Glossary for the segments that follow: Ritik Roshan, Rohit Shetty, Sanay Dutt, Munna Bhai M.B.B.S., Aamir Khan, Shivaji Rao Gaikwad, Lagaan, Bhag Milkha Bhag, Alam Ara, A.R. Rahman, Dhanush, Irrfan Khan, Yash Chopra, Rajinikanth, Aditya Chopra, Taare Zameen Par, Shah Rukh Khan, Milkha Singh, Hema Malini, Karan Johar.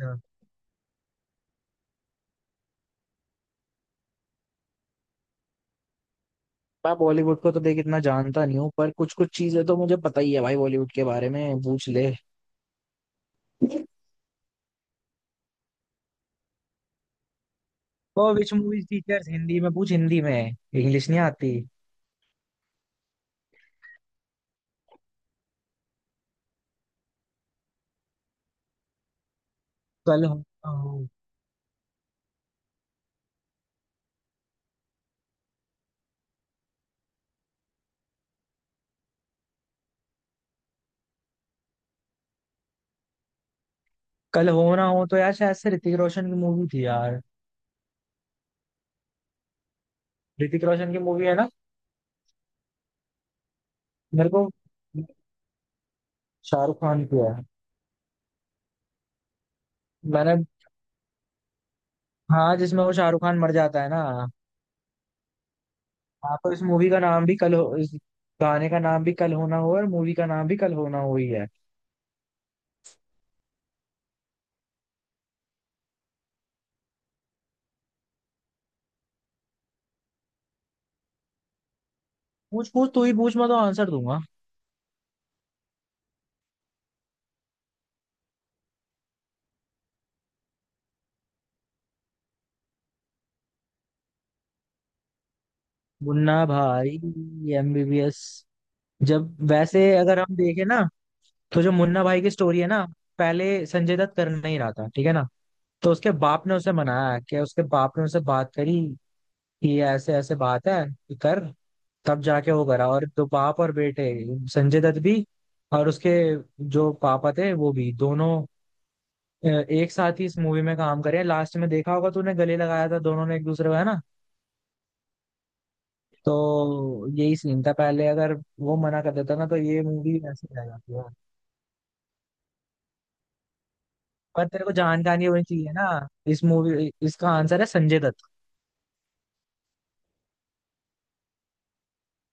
हाँ। मैं बॉलीवुड को तो देख इतना जानता नहीं हूँ, पर कुछ कुछ चीजें तो मुझे पता ही है भाई। बॉलीवुड के बारे में पूछ ले। तो विच मूवीज टीचर्स, हिंदी में पूछ, हिंदी में। इंग्लिश नहीं आती। कल हो ना हो- कल हो ना हो तो यार शायद से ऋतिक रोशन की मूवी थी यार। ऋतिक रोशन की मूवी है ना? मेरे को शाहरुख खान की है। मैंने, हाँ, जिसमें वो शाहरुख खान मर जाता है ना। हाँ तो इस मूवी का नाम भी कल हो, इस गाने का नाम भी कल होना हो और मूवी का नाम भी कल होना हो ही है। पूछ पूछ, तू ही पूछ, मैं तो आंसर दूंगा। मुन्ना भाई एमबीबीएस। जब वैसे अगर हम देखें ना, तो जो मुन्ना भाई की स्टोरी है ना, पहले संजय दत्त कर नहीं रहा था, ठीक है ना। तो उसके बाप ने उसे मनाया, कि उसके बाप ने उससे बात करी कि ये ऐसे ऐसे बात है, कि कर। तब जाके वो करा, और तो बाप और बेटे, संजय दत्त भी और उसके जो पापा थे वो भी दोनों एक साथ ही इस मूवी में काम करे। लास्ट में देखा होगा तूने, गले लगाया था दोनों ने एक दूसरे को, है ना। तो यही सीन था, पहले अगर वो मना कर देता ना तो ये मूवी ऐसे रह जाती है। पर तेरे को जानकारी होनी चाहिए ना इस मूवी, इसका आंसर है संजय दत्त।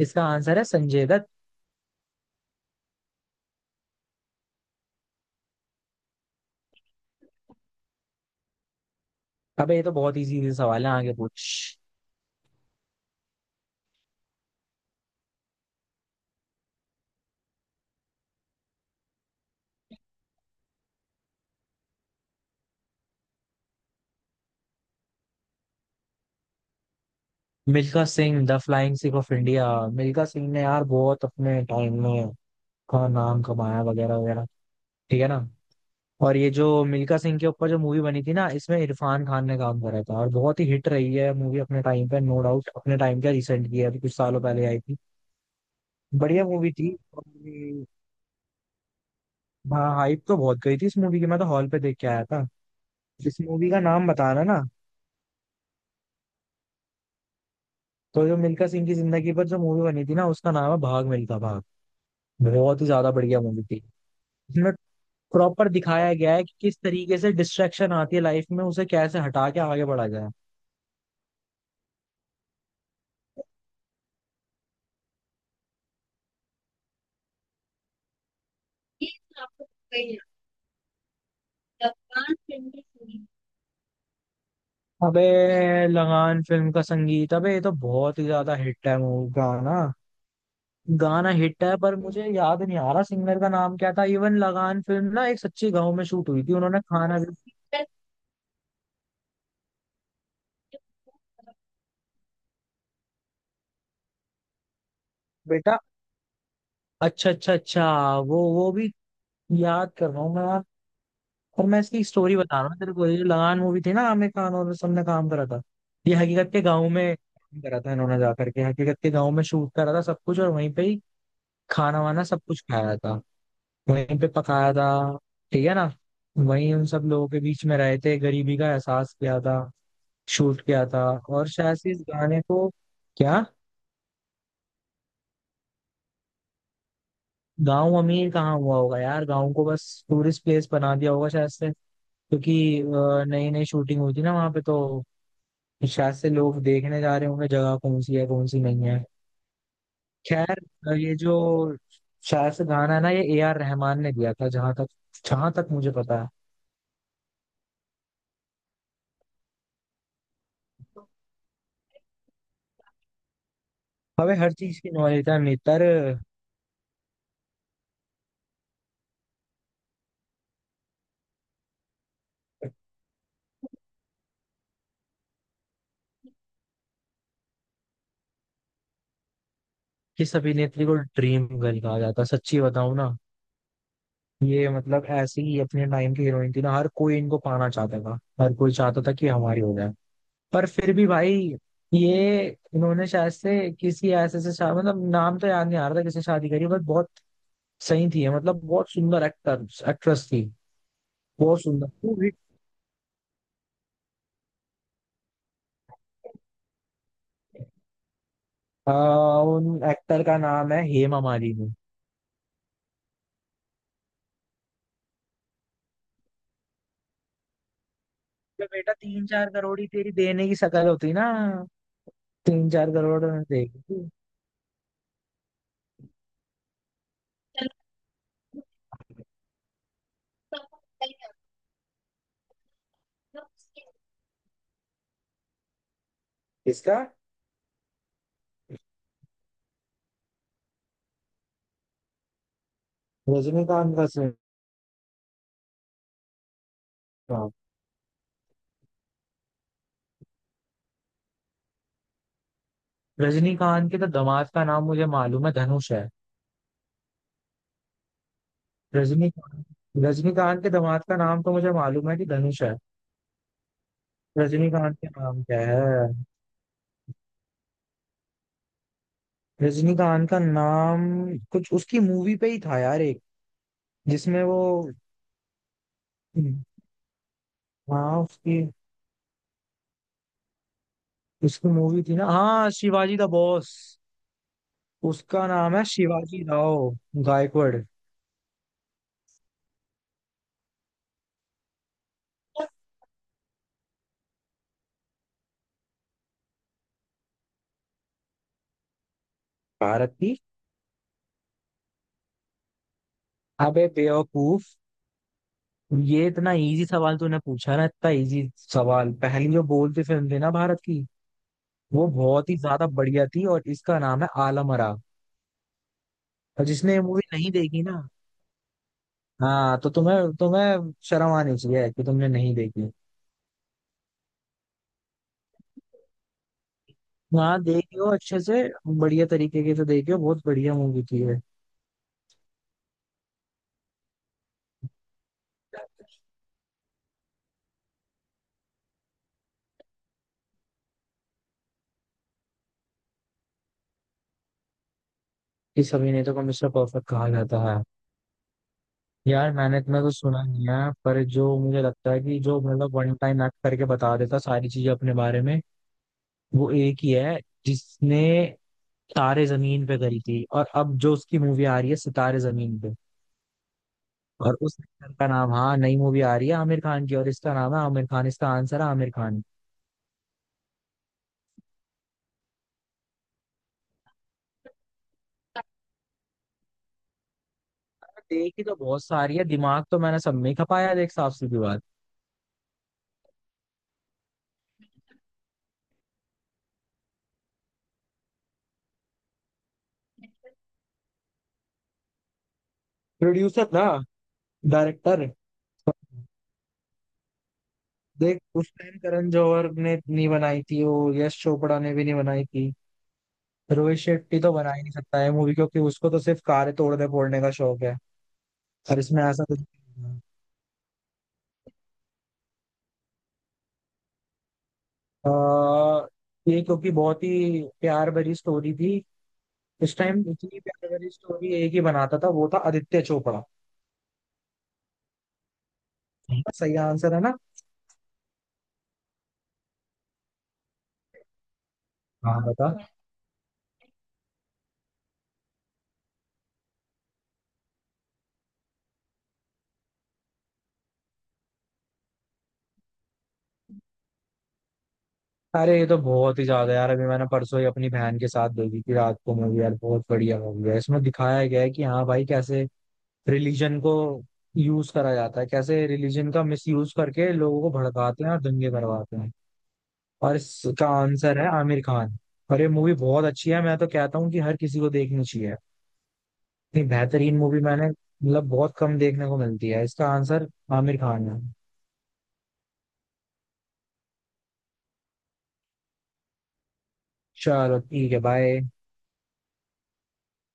इसका आंसर है संजय दत्त। अबे ये तो बहुत इजी सवाल है, आगे पूछ। Milkha Singh the flying Sikh of India. Milkha Singh ने यार बहुत अपने टाइम में का नाम कमाया, वगैरह वगैरह, ठीक है ना। और ये जो मिल्खा सिंह के ऊपर जो मूवी बनी थी ना, इसमें इरफान खान ने काम करा था और बहुत ही हिट रही है मूवी अपने टाइम पे, नो डाउट। अपने टाइम पे रिसेंट की है, अभी कुछ सालों पहले आई थी। बढ़िया मूवी थी और ये- हाँ, हाइप तो बहुत गई थी इस मूवी की, मैं तो हॉल पे देख के आया था। इस मूवी का नाम बताना ना। तो जो मिल्खा सिंह की जिंदगी पर जो मूवी बनी थी ना, उसका नाम है भाग मिल्खा भाग। बहुत ही ज्यादा बढ़िया मूवी थी। इसमें प्रॉपर दिखाया गया है कि किस तरीके से डिस्ट्रैक्शन आती है लाइफ में, उसे कैसे हटा के आगे बढ़ा जाए। अबे लगान फिल्म का संगीत, अबे ये तो बहुत ही ज्यादा हिट है मूवी, गाना। गाना हिट है पर मुझे याद नहीं आ रहा सिंगर का नाम क्या था। इवन लगान फिल्म ना एक सच्चे गांव में शूट हुई थी, उन्होंने खाना, बेटा, अच्छा अच्छा अच्छा, वो भी याद कर रहा हूँ मैं यार। और मैं इसकी स्टोरी बता रहा हूँ तेरे को, ये जो लगान मूवी थी ना, आमिर खान और सबने काम करा था। ये हकीकत के गांव में करा था, इन्होंने जा करके हकीकत के गांव में शूट करा था सब कुछ, और वहीं पे ही खाना वाना सब कुछ खाया था, वहीं पे पकाया था, ठीक है ना। वहीं उन सब लोगों के बीच में रहे थे, गरीबी का एहसास किया था, शूट किया था। और शायद से इस गाने को, क्या, गांव अमीर कहाँ हुआ होगा यार। गांव को बस टूरिस्ट प्लेस बना दिया होगा शायद से, क्योंकि नई नई शूटिंग हुई थी ना वहां पे, तो शायद से लोग देखने जा रहे होंगे जगह कौन सी है कौन सी नहीं है। खैर, ये जो शायद से गाना है ना, ये ए आर रहमान ने दिया था, जहां तक, जहां तक मुझे पता है। हमें हर चीज की नॉलेज है नेतर। किस अभिनेत्री को ड्रीम गर्ल कहा जाता है, सच्ची बताऊं ना, ये मतलब ऐसी ही अपने टाइम की हीरोइन थी ना, हर कोई इनको पाना चाहता था, हर कोई चाहता था कि हमारी हो जाए। पर फिर भी भाई ये इन्होंने शायद से किसी ऐसे से मतलब नाम तो याद नहीं आ रहा था किससे शादी करी, बट बहुत सही थी ये, मतलब बहुत सुंदर एक्टर एक्ट्रेस थी। बहुत सुंदर तू भी। आ, उन एक्टर का नाम है हेमा मालिनी। तो बेटा तीन चार करोड़ ही तेरी देने की शकल होती ना, तीन चार करोड़ में देगी? किसका? रजनीकांत का सिनेमा। रजनीकांत के तो दामाद का नाम मुझे मालूम है, धनुष है। रजनीकांत, रजनीकांत के दामाद का नाम तो मुझे मालूम है कि धनुष है। रजनीकांत का नाम क्या है? रजनीकांत का नाम कुछ उसकी मूवी पे ही था यार, एक जिसमें वो, हाँ उसकी, उसकी मूवी थी ना, हाँ, शिवाजी द बॉस। उसका नाम है शिवाजी राव गायकवाड़। भारत की, अबे बेवकूफ, ये इतना इजी सवाल तूने पूछा ना, इतना इजी सवाल। पहली जो बोलती फिल्म थी ना भारत की, वो बहुत ही ज्यादा बढ़िया थी और इसका नाम है आलम आरा। और जिसने ये मूवी नहीं देखी ना, हाँ, तो तुम्हें तुम्हें शर्म आनी चाहिए कि तुमने नहीं देखी। हाँ देखी हो अच्छे से, बढ़िया तरीके की तो देखी हो, बहुत बढ़िया मूवी थी ये। इस अभिनेता को मिस्टर परफेक्ट कहा जाता है। यार मैंने इतना तो सुना नहीं है, पर जो मुझे लगता है कि जो मतलब वन टाइम एक्ट करके बता देता सारी चीजें अपने बारे में, वो एक ही है जिसने तारे जमीन पे करी थी और अब जो उसकी मूवी आ रही है सितारे जमीन पे। और उस एक्टर का नाम, हाँ नई मूवी आ रही है आमिर खान की, और इसका नाम है आमिर खान। इसका आंसर है आमिर खान। देखी तो बहुत सारी है, दिमाग तो मैंने सब में ही खपाया देख, साफ सीधी बात। प्रोड्यूसर ना? डायरेक्टर। देख उस टाइम करण जौहर ने नहीं बनाई थी वो, यश चोपड़ा ने भी नहीं बनाई थी। रोहित शेट्टी तो बना ही नहीं सकता है मूवी, क्योंकि उसको तो सिर्फ कारें तोड़ने फोड़ने का शौक है, और इसमें ऐसा कुछ नहीं है। अ, ये क्योंकि बहुत ही प्यार भरी स्टोरी थी। इस टाइम इतनी प्यार भरी स्टोरी एक ही बनाता था, वो था आदित्य चोपड़ा। सही आंसर है ना? हाँ बता। अरे ये तो बहुत ही ज्यादा यार, अभी मैंने परसों ही अपनी बहन के साथ देखी थी रात को मूवी यार, बहुत बढ़िया मूवी है। इसमें दिखाया गया है कि हाँ भाई, कैसे रिलीजन को यूज करा जाता है, कैसे रिलीजन का मिस यूज करके लोगों को भड़काते हैं और दंगे करवाते हैं। और इसका आंसर है आमिर खान। और ये मूवी बहुत अच्छी है, मैं तो कहता हूँ कि हर किसी को देखनी चाहिए। इतनी बेहतरीन मूवी मैंने मतलब बहुत कम देखने को मिलती है। इसका आंसर आमिर खान है। चलो ठीक है, बाय।